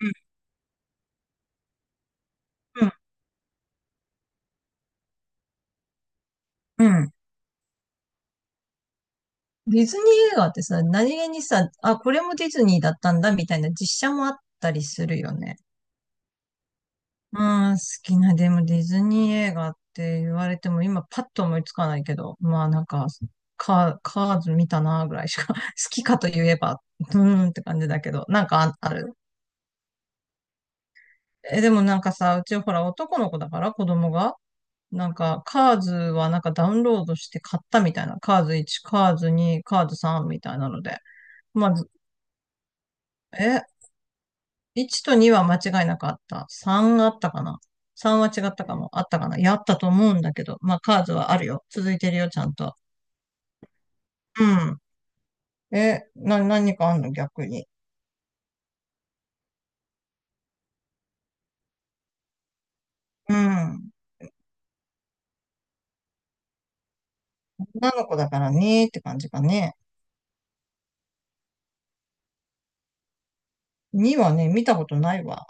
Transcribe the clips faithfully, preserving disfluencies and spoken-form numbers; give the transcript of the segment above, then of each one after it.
うん、うん、ディズニー映画ってさ、何気にさ、あ、これもディズニーだったんだみたいな実写もあったりするよね。まあ、好きな、でもディズニー映画って言われても今パッと思いつかないけど、まあなんか、カー、カーズ見たなぐらいしか、好きかと言えば、うーんって感じだけど、なんかあ、ある。え、でもなんかさ、うちほら男の子だから子供が、なんかカーズはなんかダウンロードして買ったみたいな、カーズワン、カーズツー、カーズスリーみたいなので、まあえ、いちとには間違いなかった。さんあったかな？ さん は違ったかも。あったかな、やったと思うんだけど。まあ、カーズはあるよ。続いてるよ、ちゃんと。うん。え、な、何かあんの逆に。うん。女の子だからねーって感じかね。にはね、見たことないわ。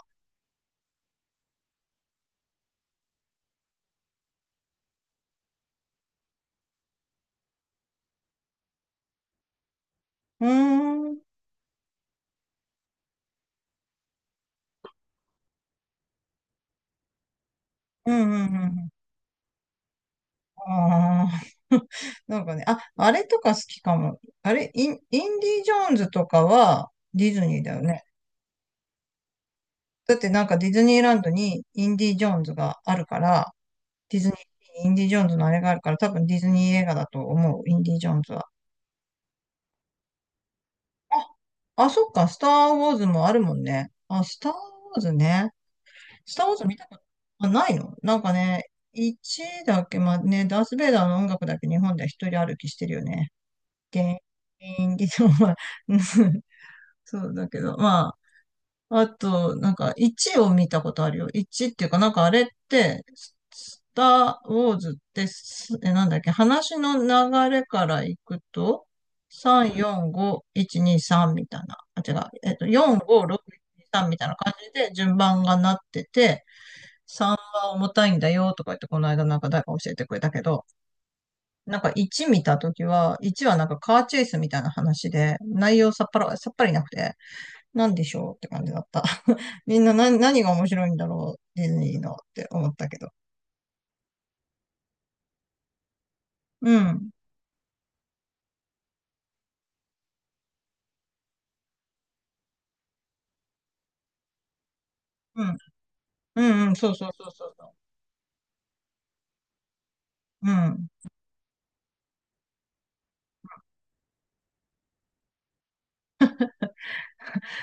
うーん。うんうんうん。ああ。なんかね、あ、あれとか好きかも。あれ、イン、インディ・ジョーンズとかはディズニーだよね。だってなんかディズニーランドにインディ・ジョーンズがあるから、ディズニー、インディ・ジョーンズのあれがあるから、多分ディズニー映画だと思う、インディ・ジョーンズは。あ、あ、そっか、スター・ウォーズもあるもんね。あ、スター・ウォーズね。スター・ウォーズ見たことあないのなんかね、ワンだっけ、まあね、ダース・ベイダーの音楽だけ日本では一 あと、なんか、ワンを見たことあるよ。ワンっていうか、なんかあれって、ススター・ウォーズってす、え、なんだっけ、話の流れからいくと、さん、よん、ご、いち、に、さんみたいな。あ、違う。えっと、よん、ご、ろく、さんみたいな感じで順番がなってて、あ、重たいんだよとか言って、この間なんか誰か教えてくれたけど、なんかワン見たときは、ワンはなんかカーチェイスみたいな話で、内容さっぱら、さっぱりなくて、なんでしょうって感じだった。みんな何、何が面白いんだろう、ディズニーのって思ったけど。うん。うん。うんうん、そうそうそうそうそう。うん。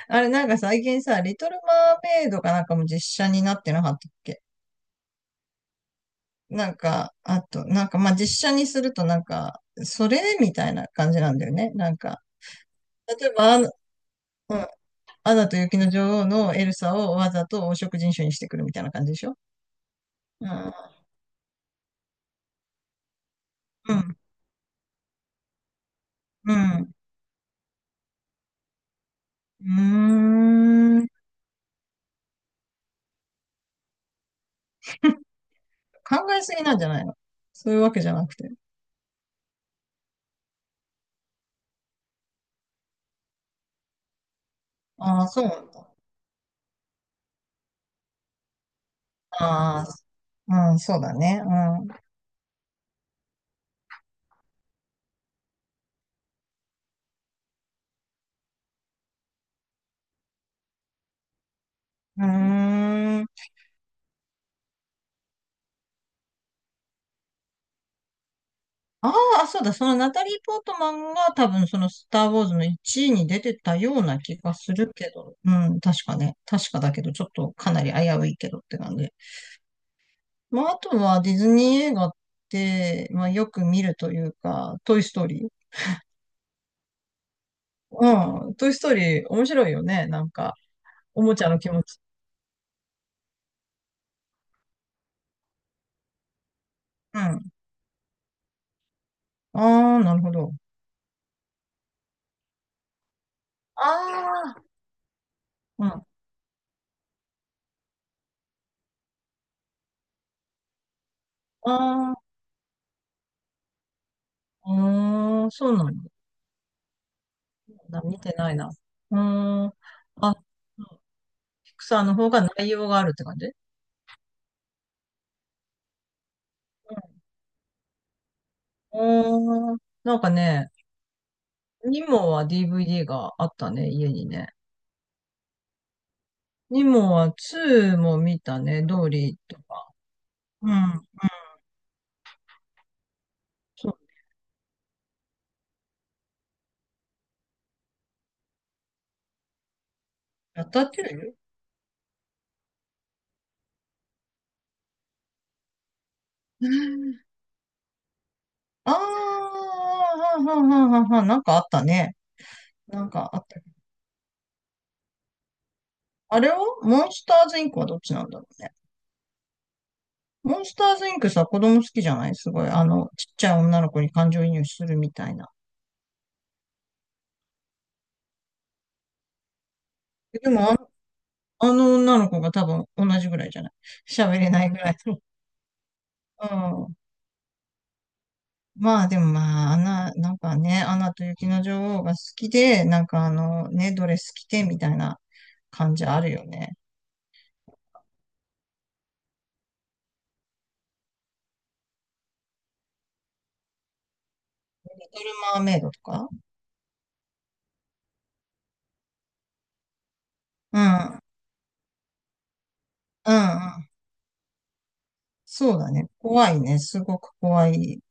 あれ、なんか最近さ、リトルマーメイドかなんかも実写になってなかったっけ、なんか、あと、なんか、まあ、実写にするとなんか、それみたいな感じなんだよね。なんか、例えば、あの、うん、アナと雪の女王のエルサをわざと黄色人種にしてくるみたいな感じでしょ、うん。うん。うん。うーん、考えすぎなんじゃないの、そういうわけじゃなくて。ああ、そうなんだ。ああ、うん、そうだね。うん。うーん。ああ、そうだ。そのナタリー・ポートマンが多分そのスター・ウォーズのいちいに出てたような気がするけど。うん、確かね。確かだけど、ちょっとかなり危ういけどって感じ。まあ、あとはディズニー映画って、まあ、よく見るというか、トイ・ストーリー。うん、トイ・ストーリー面白いよね。なんか、おもちゃの気持ち。うん。ああ、なるほど。あうん。ああ、うーん、そうなんだ。見てないな。うーん。あ、ピクサーの方が内容があるって感じ、うん。うーん。なんかね、ニモは ディーブイディー があったね、家にね。ニモはツーも見たね、ドーリーとか。うん。そう。やったってる、ああー、はんはんはんはんはん、なんかあったね。なんかあった。あれは、モンスターズインクはどっちなんだろうね。モンスターズインクさ、子供好きじゃないすごい。あの、ちっちゃい女の子に感情移入するみたいな。でもあの、あの女の子が多分同じぐらいじゃない、喋れないぐらいの。うん。まあでもまあ、アナ、なんかね、アナと雪の女王が好きで、なんかあの、ね、ドレス着てみたいな感じあるよね。リトルマーメイドとか、うん。うんうん。そうだね。怖いね。すごく怖い。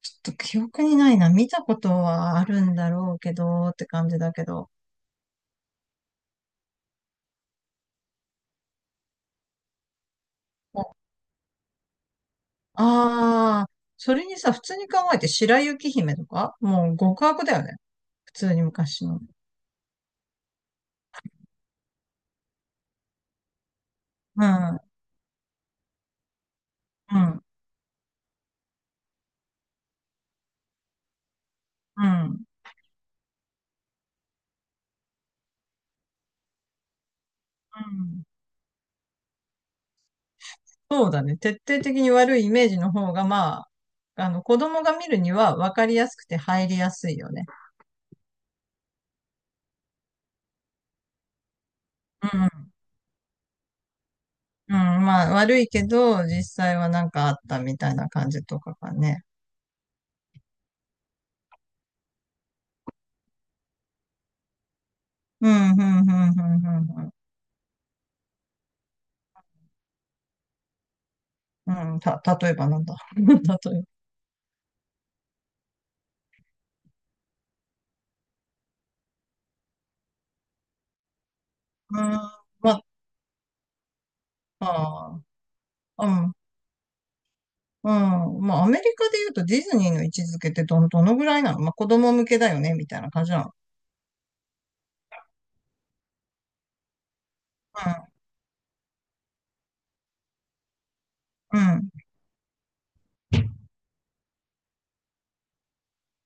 ちょっと記憶にないな。見たことはあるんだろうけど、って感じだけど。ああ、それにさ、普通に考えて白雪姫とか、もう極悪だよね。普通に昔の。うん、うん、うん、うん。そうだね。徹底的に悪いイメージの方が、まあ、あの、子供が見るには分かりやすくて入りやすいよね。うん、うん、まあ、悪いけど、実際はなんかあったみたいな感じとかがね。うん、うん、うん、うん、うん、うん。うんた、例えばなんだ。例えば。うん、まあ、あーうん。うん。まあ、アメリカで言うとディズニーの位置づけってど、どのぐらいなの、まあ、子供向けだよね、みたいな感じなの。うん。うん。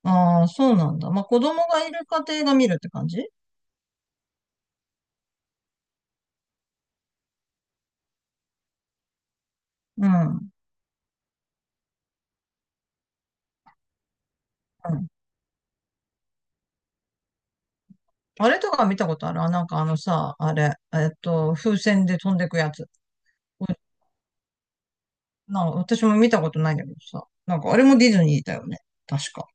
ああ、そうなんだ。まあ、子供がいる家庭が見るって感じ、うん。うん、あれとか見たことあるあ、なんかあのさ、あれ、えっと、風船で飛んでくやつ。お、なんか私も見たことないんだけどさ。なんかあれもディズニーだよね。確か。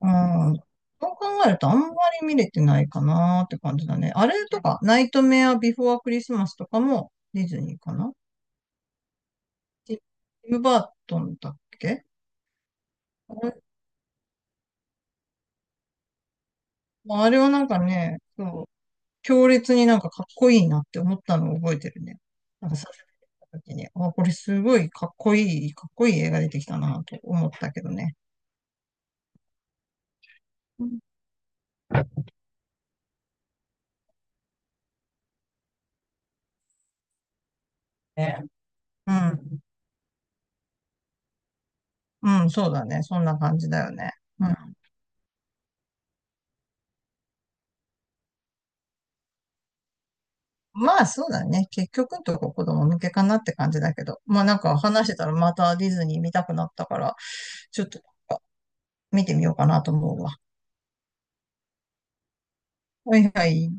うん。そう考えるとあんまり見れてないかなーって感じだね。あれとか、ナイトメアビフォアクリスマスとかもディズニーかな、ティム・バートンだっけ、あれまあ、あれはなんかね、そう、強烈になんかかっこいいなって思ったのを覚えてるね。なんか最初見た時に、あ、これすごいかっこいい、かっこいい映画出てきたなと思ったけどね。ね。うん。うん、そうだね。そんな感じだよね。うん。まあそうだね。結局のとこ子供向けかなって感じだけど。まあなんか話してたらまたディズニー見たくなったから、ちょっとなんか見てみようかなと思うわ。はいはい。